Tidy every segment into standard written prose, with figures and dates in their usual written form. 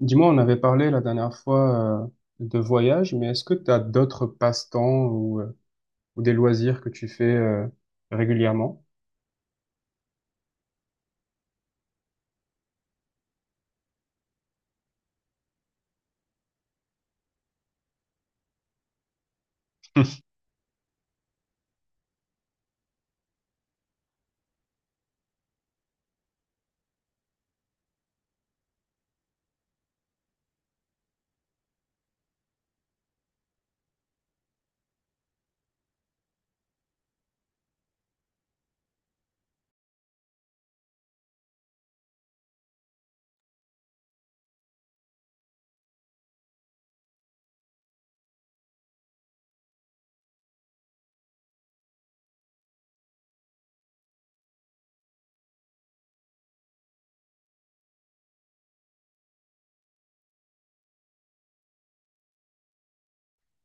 Dis-moi, on avait parlé la dernière fois de voyage, mais est-ce que tu as d'autres passe-temps ou des loisirs que tu fais régulièrement?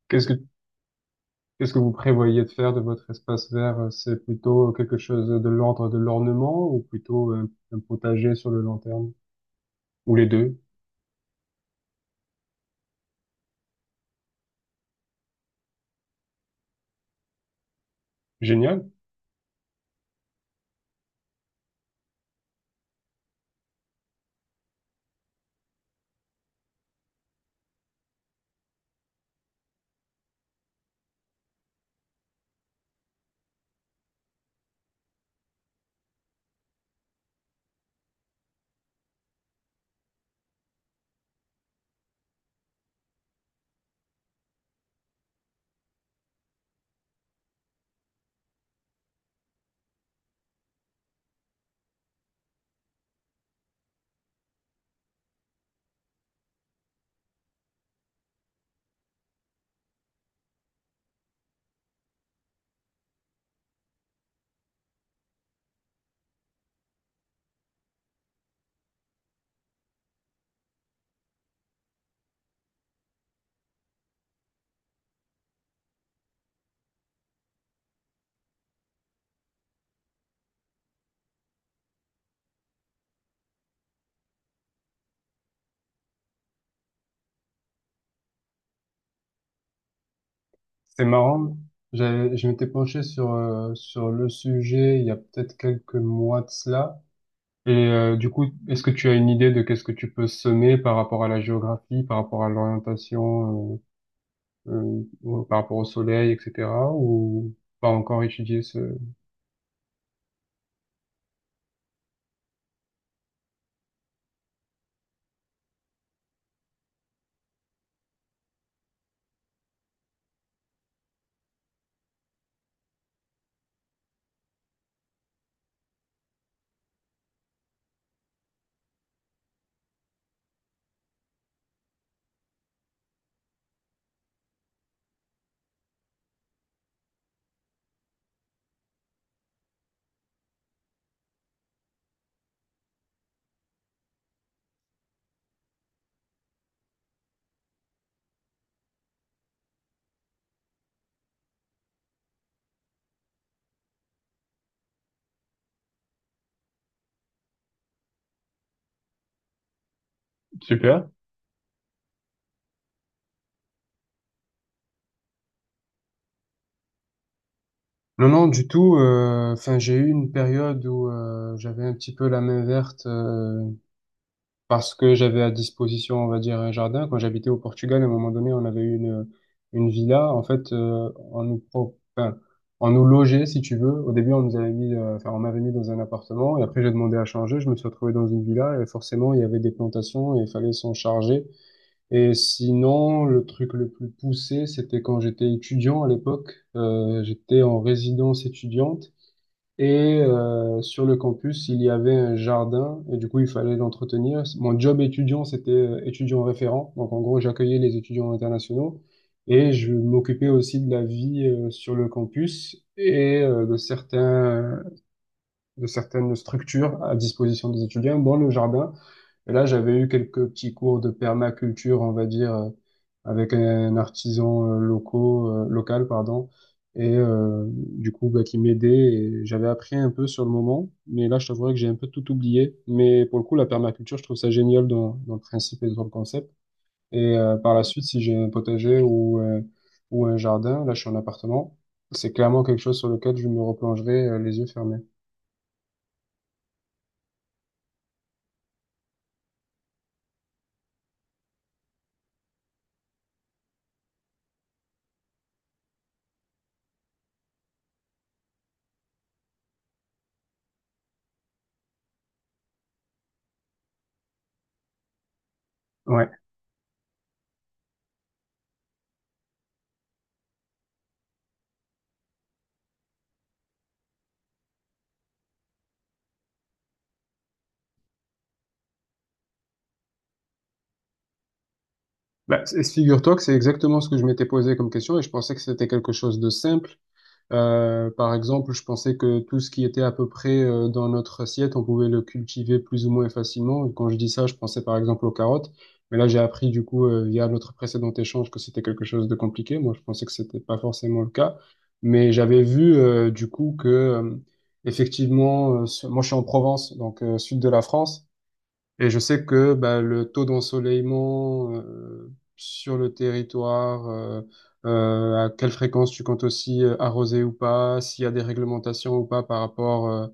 Qu'est-ce que, qu'est-ce que vous prévoyez de faire de votre espace vert? C'est plutôt quelque chose de l'ordre de l'ornement ou plutôt un potager sur le long terme? Ou les deux? Génial. C'est marrant. Je m'étais penché sur le sujet il y a peut-être quelques mois de cela. Et du coup, est-ce que tu as une idée de qu'est-ce que tu peux semer par rapport à la géographie, par rapport à l'orientation, ou par rapport au soleil, etc. ou pas encore étudié ce... Super. Non, non, du tout. Enfin, j'ai eu une période où j'avais un petit peu la main verte. Parce que j'avais à disposition, on va dire, un jardin. Quand j'habitais au Portugal, à un moment donné, une villa. En fait, enfin, on nous logeait, si tu veux. Au début, on nous avait mis, enfin, on m'avait mis dans un appartement et après, j'ai demandé à changer. Je me suis retrouvé dans une villa et forcément, il y avait des plantations et il fallait s'en charger. Et sinon, le truc le plus poussé, c'était quand j'étais étudiant à l'époque. J'étais en résidence étudiante. Et sur le campus, il y avait un jardin et du coup, il fallait l'entretenir. Mon job étudiant, c'était étudiant référent. Donc, en gros, j'accueillais les étudiants internationaux et je m'occupais aussi de la vie sur le campus et de certaines structures à disposition des étudiants dans le jardin. Et là, j'avais eu quelques petits cours de permaculture, on va dire, avec un artisan local, pardon, et du coup, bah, qui m'aidait. Et j'avais appris un peu sur le moment, mais là, je t'avouerais que j'ai un peu tout oublié. Mais pour le coup, la permaculture, je trouve ça génial dans le principe et dans le concept. Et par la suite, si j'ai un potager ou un jardin, là, je suis en appartement, c'est clairement quelque chose sur lequel je me replongerai les yeux fermés. Ouais. Bah, figure-toi que c'est exactement ce que je m'étais posé comme question et je pensais que c'était quelque chose de simple. Par exemple, je pensais que tout ce qui était à peu près dans notre assiette, on pouvait le cultiver plus ou moins facilement. Et quand je dis ça, je pensais par exemple aux carottes. Mais là, j'ai appris du coup via notre précédent échange que c'était quelque chose de compliqué. Moi, je pensais que c'était pas forcément le cas. Mais j'avais vu du coup que effectivement, moi je suis en Provence, donc sud de la France. Et je sais que bah, le taux d'ensoleillement sur le territoire, à quelle fréquence tu comptes aussi arroser ou pas, s'il y a des réglementations ou pas par rapport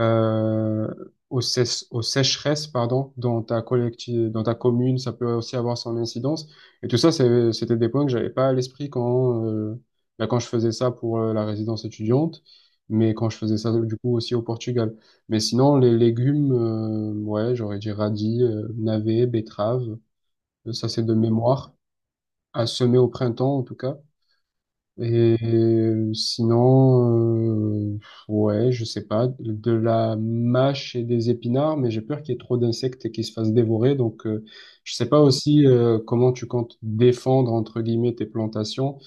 euh, aux sécheresses, pardon, dans ta commune, ça peut aussi avoir son incidence. Et tout ça, c'était des points que j'avais pas à l'esprit bah, quand je faisais ça pour la résidence étudiante, mais quand je faisais ça du coup aussi au Portugal. Mais sinon, les légumes, ouais, j'aurais dit radis, navets, betteraves, ça c'est de mémoire, à semer au printemps en tout cas. Et sinon, ouais, je sais pas, de la mâche et des épinards, mais j'ai peur qu'il y ait trop d'insectes et qu'ils se fassent dévorer. Donc, je sais pas aussi comment tu comptes défendre, entre guillemets, tes plantations.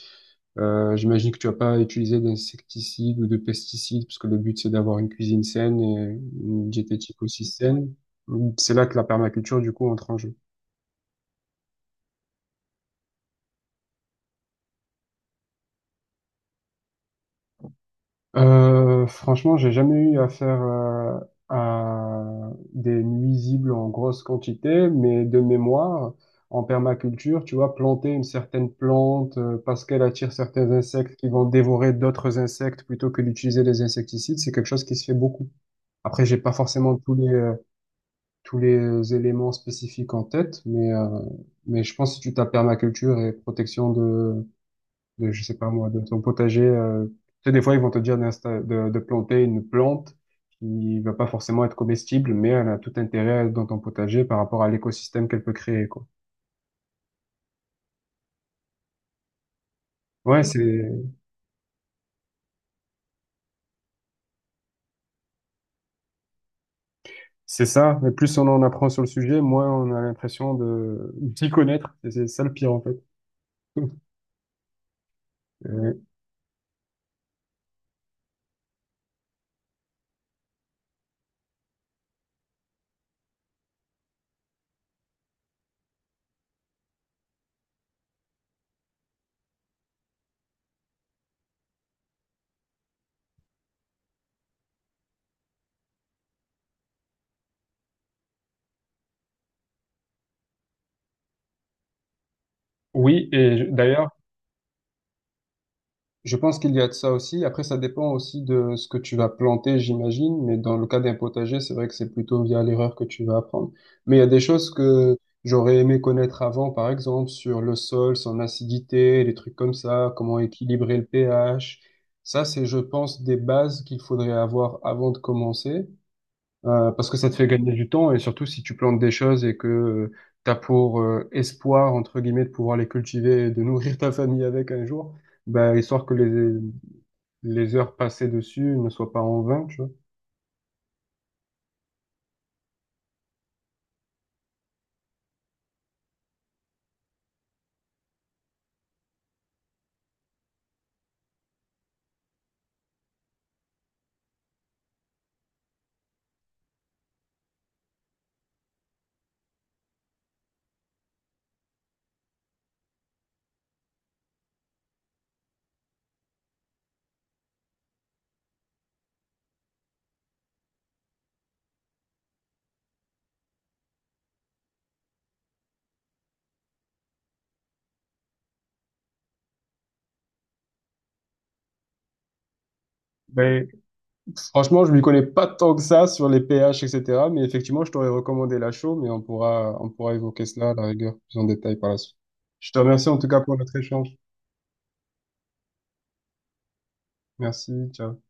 J'imagine que tu vas pas utiliser d'insecticides ou de pesticides, parce que le but, c'est d'avoir une cuisine saine et une diététique aussi saine. C'est là que la permaculture, du coup, entre en jeu. Franchement, j'ai jamais eu affaire à des nuisibles en grosse quantité, mais de mémoire, en permaculture, tu vois, planter une certaine plante parce qu'elle attire certains insectes qui vont dévorer d'autres insectes plutôt que d'utiliser les insecticides, c'est quelque chose qui se fait beaucoup. Après, j'ai pas forcément tous les éléments spécifiques en tête, mais je pense que si tu tapes permaculture et protection je sais pas moi, de ton potager. Tu sais, des fois, ils vont te dire de planter une plante qui va pas forcément être comestible, mais elle a tout intérêt dans ton potager par rapport à l'écosystème qu'elle peut créer, quoi. Ouais, c'est, c'est ça. Mais plus on en apprend sur le sujet, moins on a l'impression de, d'y connaître. C'est ça le pire, en fait. Euh, oui, d'ailleurs, je pense qu'il y a de ça aussi. Après, ça dépend aussi de ce que tu vas planter, j'imagine. Mais dans le cas d'un potager, c'est vrai que c'est plutôt via l'erreur que tu vas apprendre. Mais il y a des choses que j'aurais aimé connaître avant, par exemple, sur le sol, son acidité, des trucs comme ça, comment équilibrer le pH. Ça, c'est, je pense, des bases qu'il faudrait avoir avant de commencer. Parce que ça te fait gagner du temps et surtout si tu plantes des choses et que tu as pour espoir, entre guillemets, de pouvoir les cultiver et de nourrir ta famille avec un jour, bah, histoire que les heures passées dessus ne soient pas en vain, tu vois. Ben, franchement, je ne m'y connais pas tant que ça sur les pH, etc. Mais effectivement, je t'aurais recommandé la chaux, mais on pourra évoquer cela à la rigueur plus en détail par la suite. Je te remercie en tout cas pour notre échange. Merci, ciao.